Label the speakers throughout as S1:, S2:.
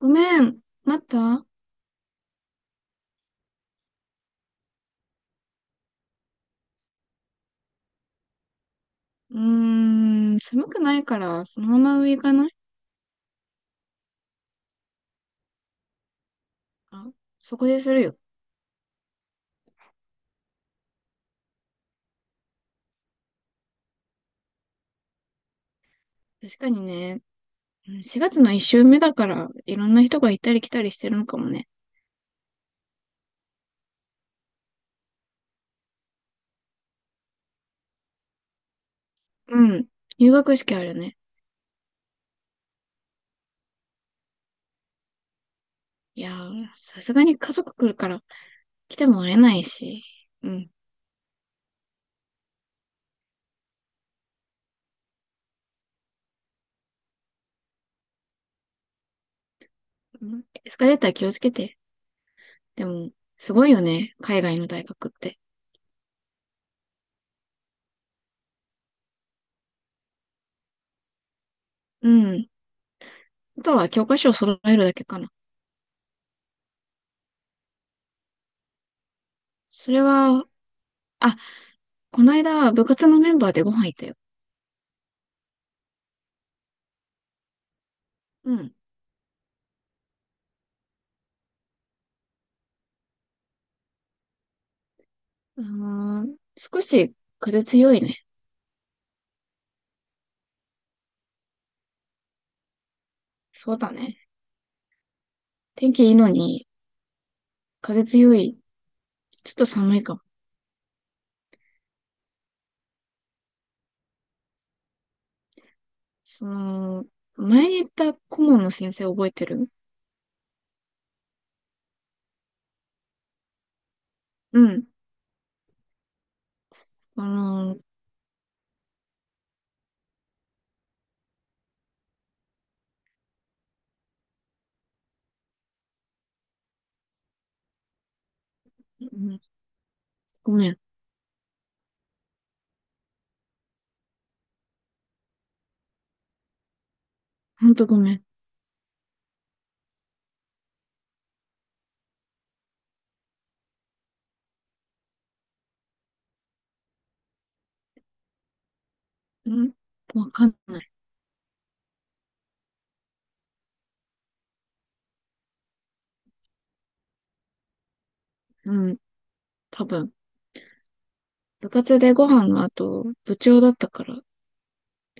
S1: ごめん、待った。うー寒くないから、そのまま上行かない？あ、そこでするよ。確かにね、うん、4月の1週目だから、いろんな人が行ったり来たりしてるのかもね。うん、入学式あるね。いやー、さすがに家族来るから、来ても会えないし。うん。うん、エスカレーター気をつけて。でも、すごいよね、海外の大学って。うん、あとは教科書を揃えるだけかな。それは、あ、この間、部活のメンバーでご飯行ったよ。うん。うー少し風強いね。そうだね。天気いいのに、風強い。ちょっと寒いかも。その、前に言った顧問の先生覚えてる？うん。あの、うん、ごめん。ほんとごめん。うん、わかんない。うん。多分。部活でご飯の後、部長だったから、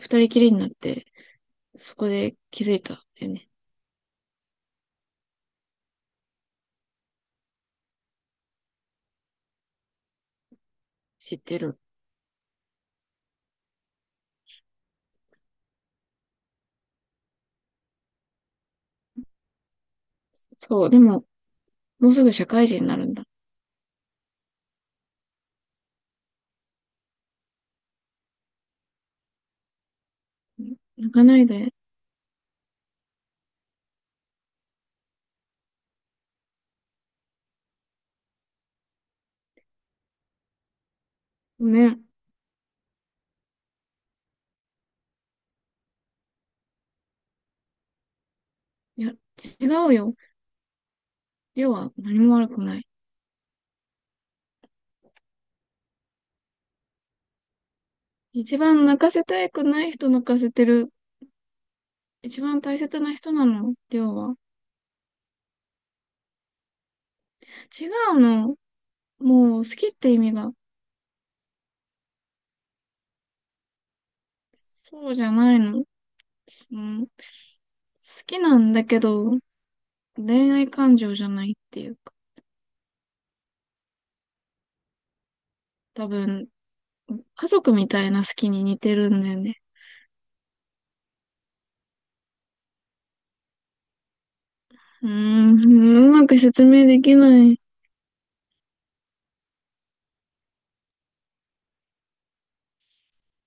S1: 二人きりになって、そこで気づいたんだよね。知ってる。そう。でも、もうすぐ社会人になるんだ。うん、泣かないで。ごめん。いや、違うよ。要は何も悪くない。一番泣かせたくない人泣かせてる。一番大切な人なの、要は。違うの。もう好きって意味が。そうじゃないの。その好きなんだけど、恋愛感情じゃないっていうか。多分、家族みたいな好きに似てるんだよね。うまく説明できない。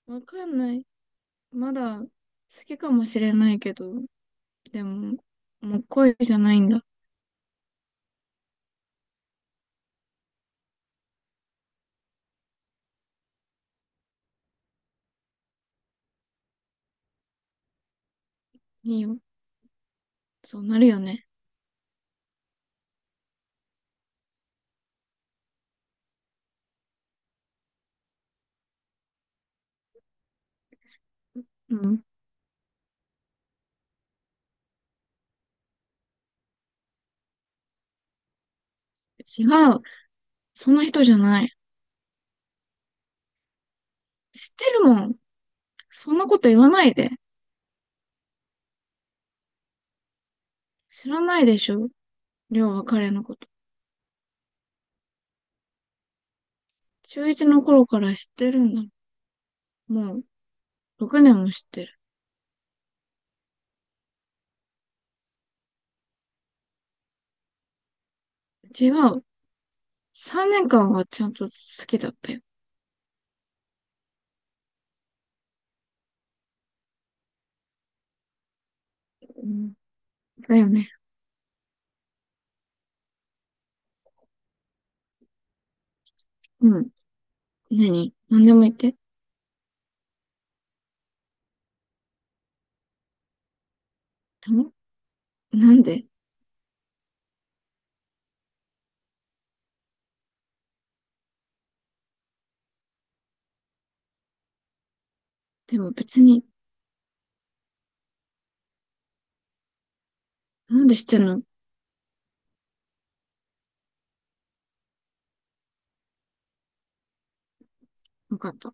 S1: わかんない。まだ好きかもしれないけど、でも、もう恋じゃないんだ。いいよ。そうなるよね。うん。違う。その人じゃない。知ってるもん。そんなこと言わないで。知らないでしょ。りょうは彼のこと。中一の頃から知ってるんだ。もう、6年も知ってる。違う。3年間はちゃんと好きだったよ。うん、だよね。うん。何？何でも言って。んなんで？でも別に、なんで知ってんの？わかった。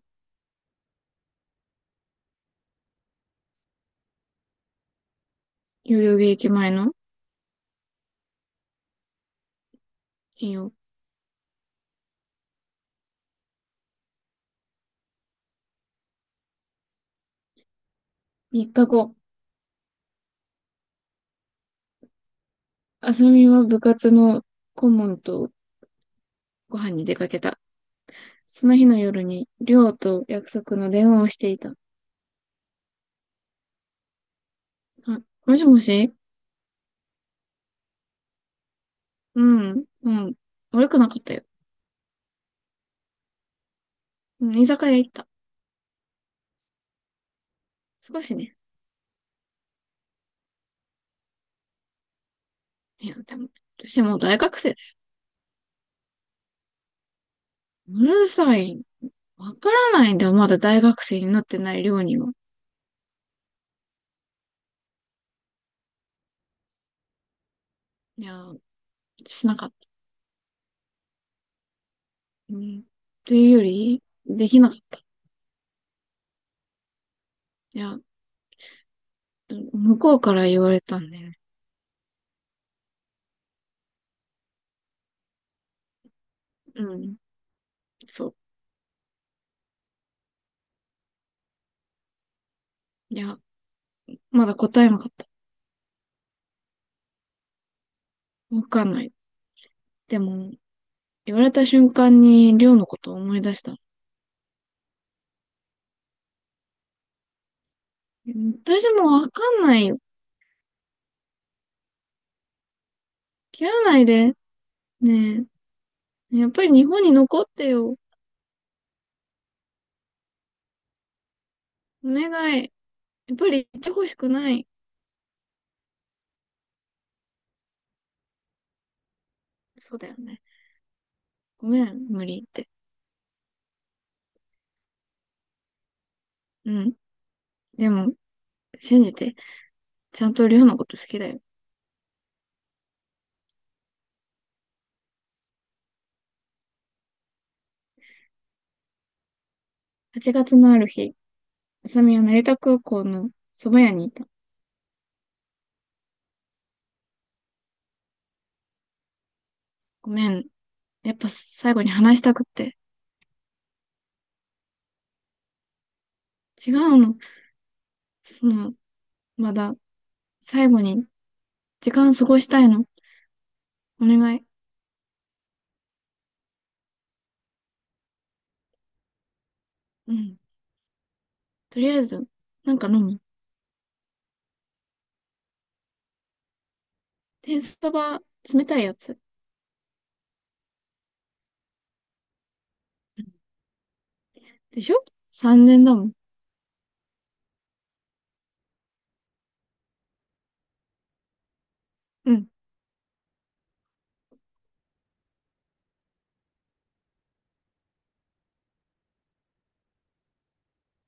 S1: 代々木駅前の？いいよ。3日後、あさみは部活の顧問とご飯に出かけた。その日の夜に、りょうと約束の電話をしていた。あ、もしもし。うん、うん。悪くなかったよ。居酒屋行った。少しね。いや、でも、私もう大学生。うるさい。わからないんだよ。まだ大学生になってないりょうには。いや、しなかった。うん。というより、できなかった。いや、向こうから言われたんだよね。うん。そう。いや、まだ答えなかった。わかんない。でも、言われた瞬間に、りょうのことを思い出した。私もわかんないよ。切らないで。ねえ。やっぱり日本に残ってよ。お願い。やっぱり行ってほしくない。そうだよね。ごめん、無理言って。うん。でも、信じて。ちゃんとりょうのこと好きだよ。8月のある日、あさみは成田空港のそば屋にいた。ごめん。やっぱ最後に話したくって。違うの。その、まだ、最後に時間過ごしたいの。お願い。うん。とりあえず、なんか飲む。天そば、冷たいやつ。でしょ？ 3 年だもん。うん。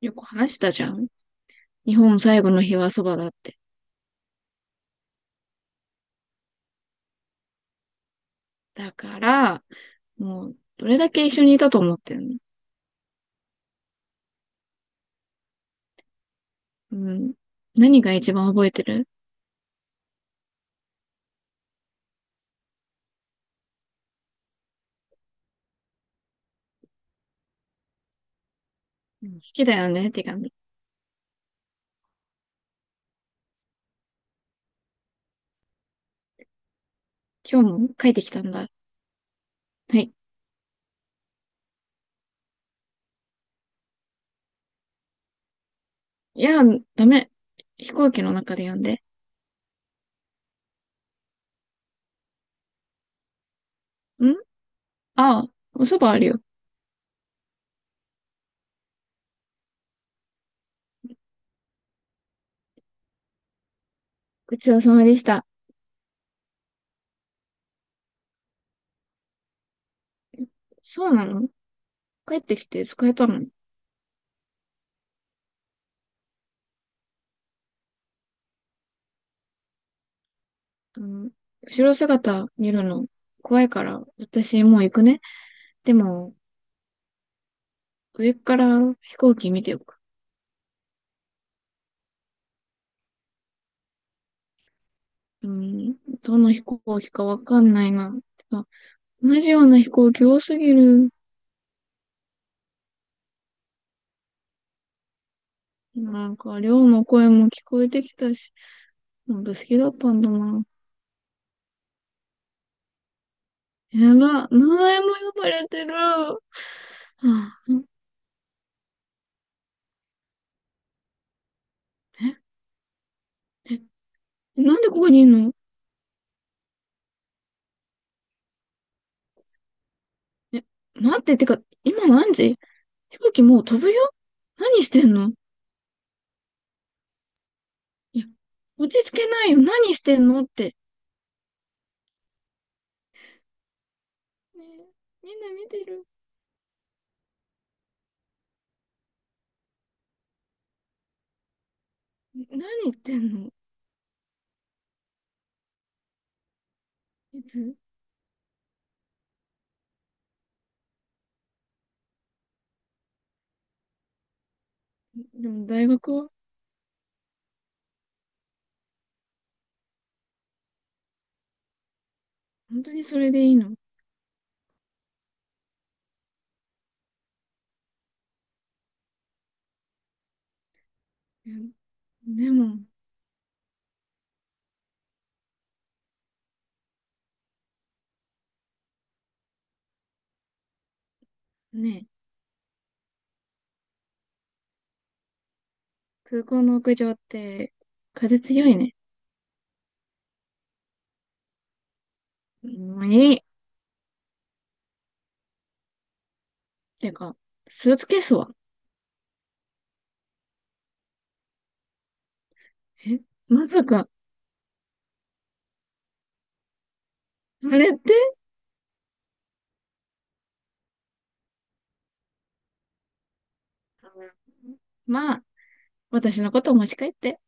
S1: よく話したじゃん。日本最後の日はそばだって。だから、もう、どれだけ一緒にいたと思ってるの？うん。何が一番覚えてる？うん、好きだよね、手紙。今日も書いてきたんだ。はい。いや、ダメ。飛行機の中で読んで。んああ、おそばあるよ。ごちそうさまでした。そうなの？帰ってきて使えたの？うん。後ろ姿見るの怖いから、私もう行くね。でも、上から飛行機見てよく。うん、どの飛行機かわかんないな。同じような飛行機多すぎる。なんか、寮の声も聞こえてきたし、なんか好きだったんだな。やば、名前も呼ばれてる。はあ、え、え、なんでここにいるの？え、待って、てか、今何時？飛行機もう飛ぶよ。何してんの？いや、落ち着けないよ。何してんのって。ねえ、みんな見てる。何言ってんの？いつ？でも大学は？本当にそれでいいの？うん。でもね、空港の屋上って風強いね。もういい。てか、スーツケースは？え、まさか、あれって？まあ、私のことを持ち帰って。